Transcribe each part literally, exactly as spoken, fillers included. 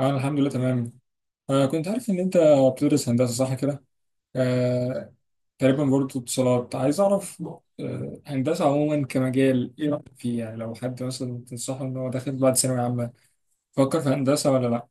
اه، الحمد لله تمام. آه كنت عارف ان انت بتدرس هندسة، صح كده؟ آه تقريبا برضه اتصالات، عايز اعرف. آه هندسة عموما كمجال، ايه رأيك فيه يعني؟ لو حد مثلا تنصحه ان هو داخل بعد ثانوية عامة، فكر في هندسة ولا لا؟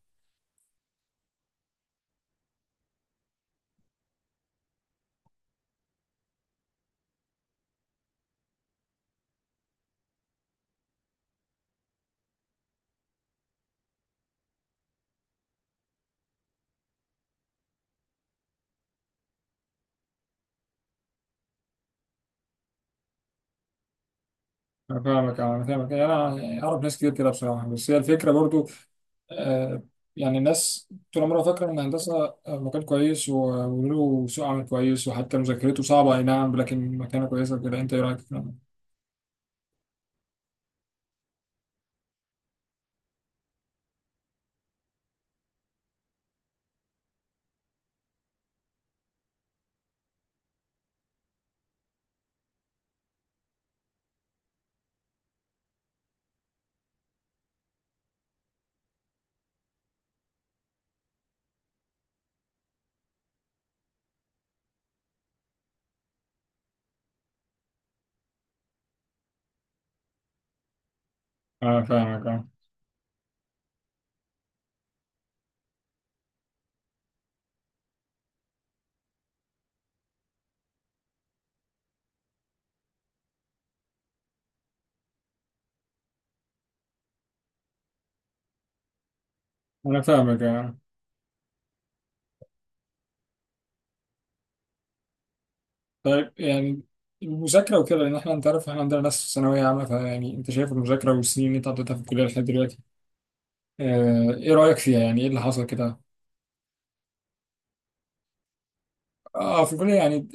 انا فاهمك، آه، انا فاهمك، يعني انا اعرف ناس كتير كده بصراحة، بس هي الفكرة برضه. آه، يعني الناس طول عمرها فاكرة إن الهندسة، آه، مكان كويس و- وله سوق عمل كويس، وحتى مذاكرته صعبة، أي نعم، لكن مكانة كويسة كده. أنت إيه رأيك في الكلام ده؟ أنا فاهمك، أه. أنا فاهمك أه طيب، يعني المذاكرة وكده، لأن إحنا أنت عارف، إحنا عندنا ناس في ثانوية عامة، فيعني أنت شايف المذاكرة والسنين اللي أنت قضيتها في الكلية لحد دلوقتي، آه، إيه رأيك فيها؟ يعني إيه اللي حصل كده؟ أه، في الكلية، يعني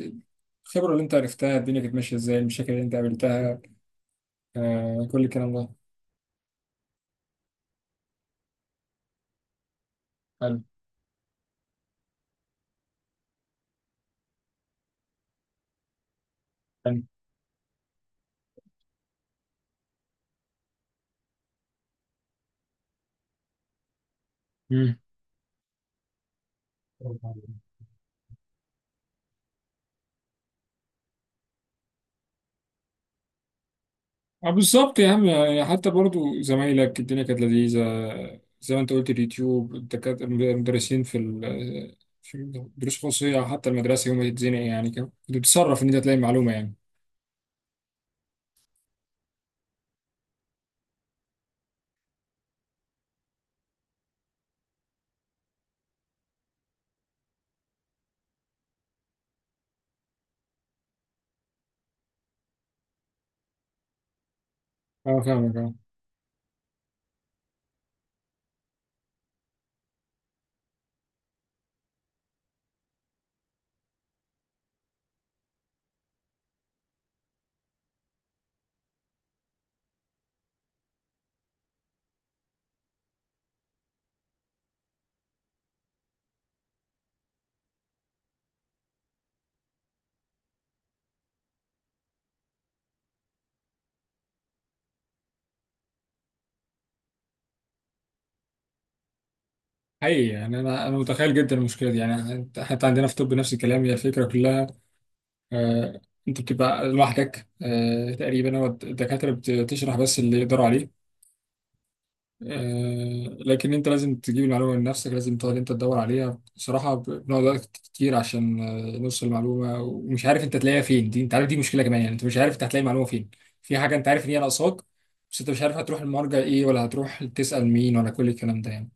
الخبرة اللي أنت عرفتها، الدنيا كانت ماشية إزاي، المشاكل اللي أنت قابلتها، آه، كل الكلام ده. حلو. حلو. مم. اه، بالظبط يا عم، يعني حتى برضو زمايلك الدنيا كانت لذيذة، زي ما انت قلت، اليوتيوب، الدكاترة، المدرسين في ال- في الدروس الخصوصية، أو حتى المدرسة يوم ما تتزنق، يعني كان- كنت بتتصرف إن أنت تلاقي معلومة يعني. اه، فاهمك اه. حقيقي، يعني أنا أنا متخيل جدا المشكلة دي، يعني حتى عندنا في طب نفس الكلام. هي الفكرة كلها، آه أنت بتبقى لوحدك، آه تقريبا. هو الدكاترة بتشرح بس اللي يقدروا عليه، آه، لكن انت لازم تجيب المعلومه من نفسك، لازم تقعد انت تدور عليها بصراحه، ب- بنقعد وقت كتير عشان آه، نوصل المعلومه، ومش عارف انت تلاقيها فين. دي انت عارف دي مشكله كمان، يعني انت مش عارف انت هتلاقي المعلومه فين. في حاجه انت عارف ان هي ناقصاك، بس انت مش عارف هتروح المرجع ايه، ولا هتروح تسال مين، ولا كل الكلام ده يعني.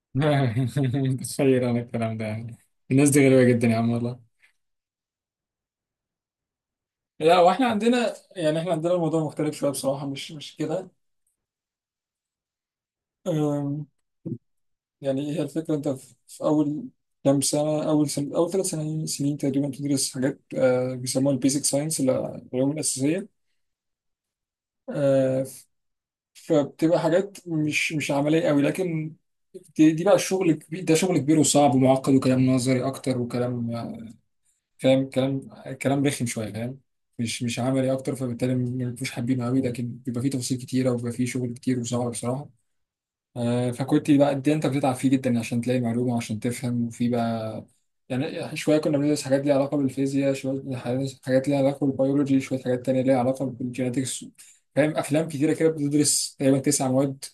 متخيل انا الكلام ده يعني. الناس دي غريبه جدا يا عم والله. لا، واحنا عندنا، يعني احنا عندنا الموضوع مختلف شويه بصراحه، مش مش كده. يعني هي الفكرة، أنت في في أول كام سنة، أول سنة، أول ثلاث سنين سنين تقريبا، تدرس حاجات آه، بيسموها البيزك ساينس، العلوم الأساسية. آه، فبتبقى حاجات مش مش عملية قوي، لكن دي, دي بقى الشغل كبير، ده شغل كبير وصعب ومعقد، وكلام نظري أكتر، وكلام آه، فاهم، كلام كلام رخم شوية فاهم، مش مش عملي أكتر، فبالتالي ما بيبقوش حابينه قوي، لكن بيبقى فيه تفاصيل كتيرة، وبيبقى فيه شغل كتير وصعب بصراحة. آه، فكنت بقى دي انت بتتعب فيه جدا عشان تلاقي معلومه وعشان تفهم، وفي بقى، يعني شويه كنا بندرس حاجات ليها علاقه بالفيزياء، شويه حاجات ليها علاقه بالبيولوجي، شويه حاجات تانية ليها علاقه بالجينetiكس، فاهم، افلام كتيره كده، بتدرس تقريبا تسع مواد،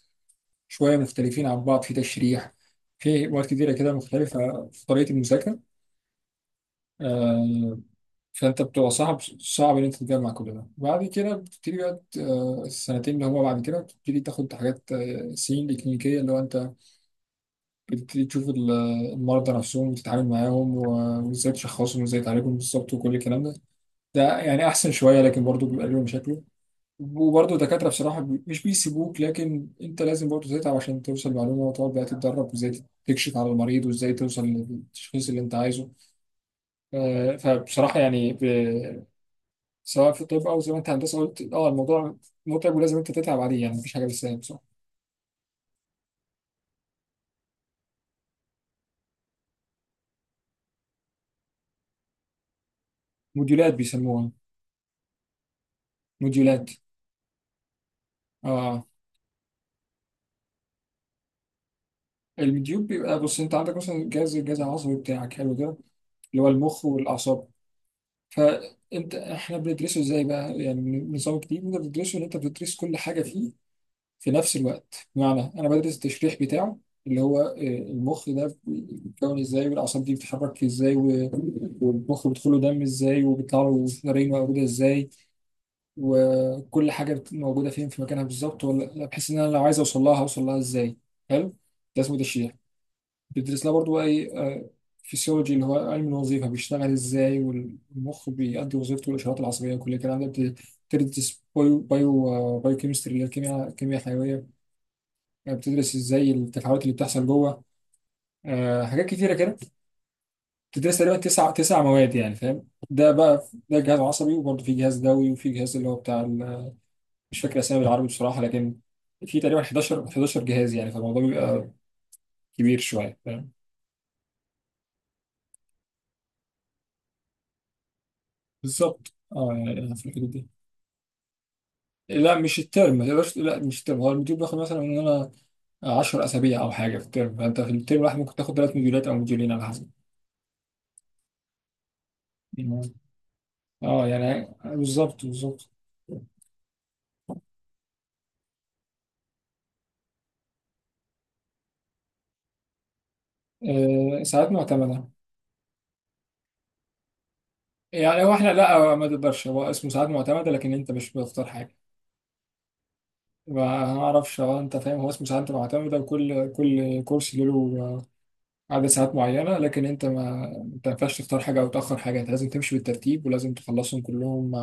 شويه مختلفين عن بعض، في تشريح، في مواد كتيره كده مختلفه في طريقه المذاكره. آه، فانت بتبقى صعب، صعب ان انت تجمع كل ده. بعد كده بتبتدي بقى آه، السنتين اللي هما بعد كده، بتبتدي تاخد حاجات آه، سنين الكلينيكيه، اللي هو انت بتبتدي تشوف ال- المرضى نفسهم، وتتعامل معاهم، و- وازاي تشخصهم وازاي تعالجهم بالظبط، وكل الكلام ده. ده يعني احسن شويه، لكن برضه بيبقى لهم مشاكل، وبرضه الدكاتره بصراحه بي- مش بيسيبوك، لكن انت لازم برضه تتعب عشان توصل معلومه، وتقعد بقى تتدرب، وازاي تكشف على المريض، وازاي توصل للتشخيص اللي انت عايزه. آه، فبصراحه يعني، ب- سواء في الطب او زي ما انت هندسه قلت، اه، الموضوع متعب، ولازم انت تتعب عليه، يعني مفيش حاجه بالسهل بصراحه. موديولات بيسموها. موديولات. آه، اليوتيوب بيبقى، بص انت عندك مثلا الجهاز، الجهاز العصبي بتاعك، حلو كده، اللي هو المخ والاعصاب. فانت احنا بندرسه ازاي بقى يعني، نظام الجديد انت بتدرسه ان انت بتدرس كل حاجه فيه في نفس الوقت، بمعنى انا بدرس التشريح بتاعه، اللي هو آه، المخ ده بيتكون ازاي، والاعصاب دي بتتحرك ازاي، و- والمخ بيدخله دم ازاي، وبيطلع له نارين موجوده ازاي، وكل حاجه بت- موجوده فين في مكانها بالظبط، ولا بحيث ان انا لو عايز اوصل لها هوصل لها ازاي. حلو. ده اسمه تشريح. بيدرسنا برضو بقى ايه؟ فيسيولوجي، اللي هو علم الوظيفه بيشتغل ازاي، والمخ بيأدي وظيفته، والاشارات العصبيه، وكل الكلام ده بت- بتدرس بايو بايو آه، بايو كيمستري، اللي هي الكيمياء، الكيمياء الحيويه. آه، بتدرس ازاي التفاعلات اللي بتحصل جوه. آه، حاجات كتيره كده بتدرس تقريبا تسع تسع مواد يعني فاهم. ده بقى ده جهاز عصبي، وبرضه في جهاز دوي، وفي جهاز اللي هو بتاع ال- مش فاكر اسامي بالعربي بصراحه، لكن في تقريبا احد عشر احد عشر جهاز يعني، فالموضوع بيبقى كبير شويه فاهم. بالظبط، اه، يعني في الحدود دي. إيه. لا مش الترم، ما تقدرش تقول لا مش الترم، هو المديول بياخد مثلا من انا عشرة اسابيع او حاجه في الترم، فانت في الترم الواحد ممكن تاخد ثلاث مديولات او مديولين على حسب. اه يعني بالظبط، بالظبط. آه ساعات معتمده. يعني هو احنا لا، ما تقدرش، هو اسمه ساعات معتمده لكن انت مش بتختار حاجه. ما اعرفش، هو انت فاهم، هو اسمه ساعات معتمده، وكل كل كورس له عدد ساعات معينه، لكن انت ما، انت ما ينفعش تختار حاجه او تاخر حاجه، انت لازم تمشي بالترتيب ولازم تخلصهم كلهم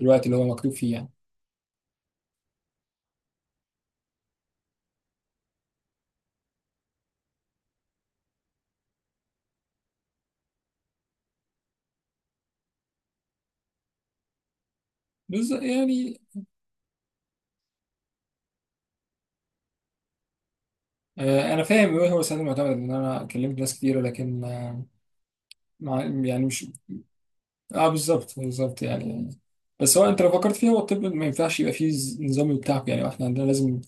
الوقت اللي هو مكتوب فيه يعني. بس يعني آه، انا فاهم ايه هو السند المعتمد، لان انا كلمت ناس كتير، لكن آه، مع يعني مش. اه، بالظبط بالظبط يعني. بس هو انت لو فكرت فيها، هو الطب ما ينفعش يبقى فيه ز- نظام بتاعك يعني، واحنا عندنا لازم،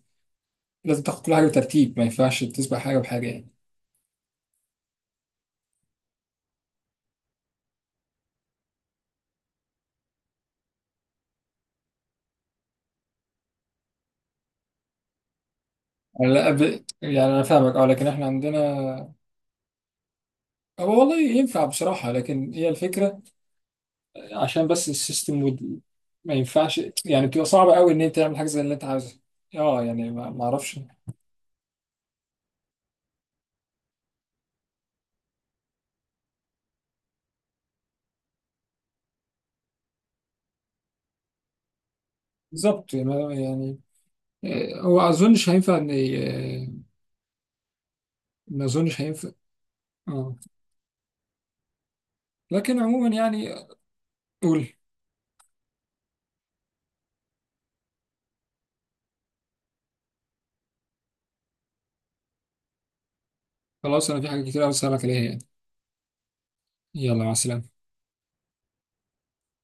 لازم تاخد كل حاجه بترتيب، ما ينفعش تسبق حاجه بحاجه يعني. أنا لا، أب... يعني انا فاهمك اه، لكن احنا عندنا، هو والله ينفع بصراحة، لكن هي الفكرة عشان بس السيستم وال... ما ينفعش يعني، بتبقى صعبة قوي إن أنت تعمل حاجة زي اللي أنت عاوزها. اه يعني، ما ما أعرفش. بالظبط يعني، ما- يعني آه، هو أظنش هينفع إن ي- آه، ما أظنش هينفع. اه، لكن عموما يعني، قول. خلاص، أنا في حاجة كتير أوي أسألك عليها يعني. يلا، مع السلامة.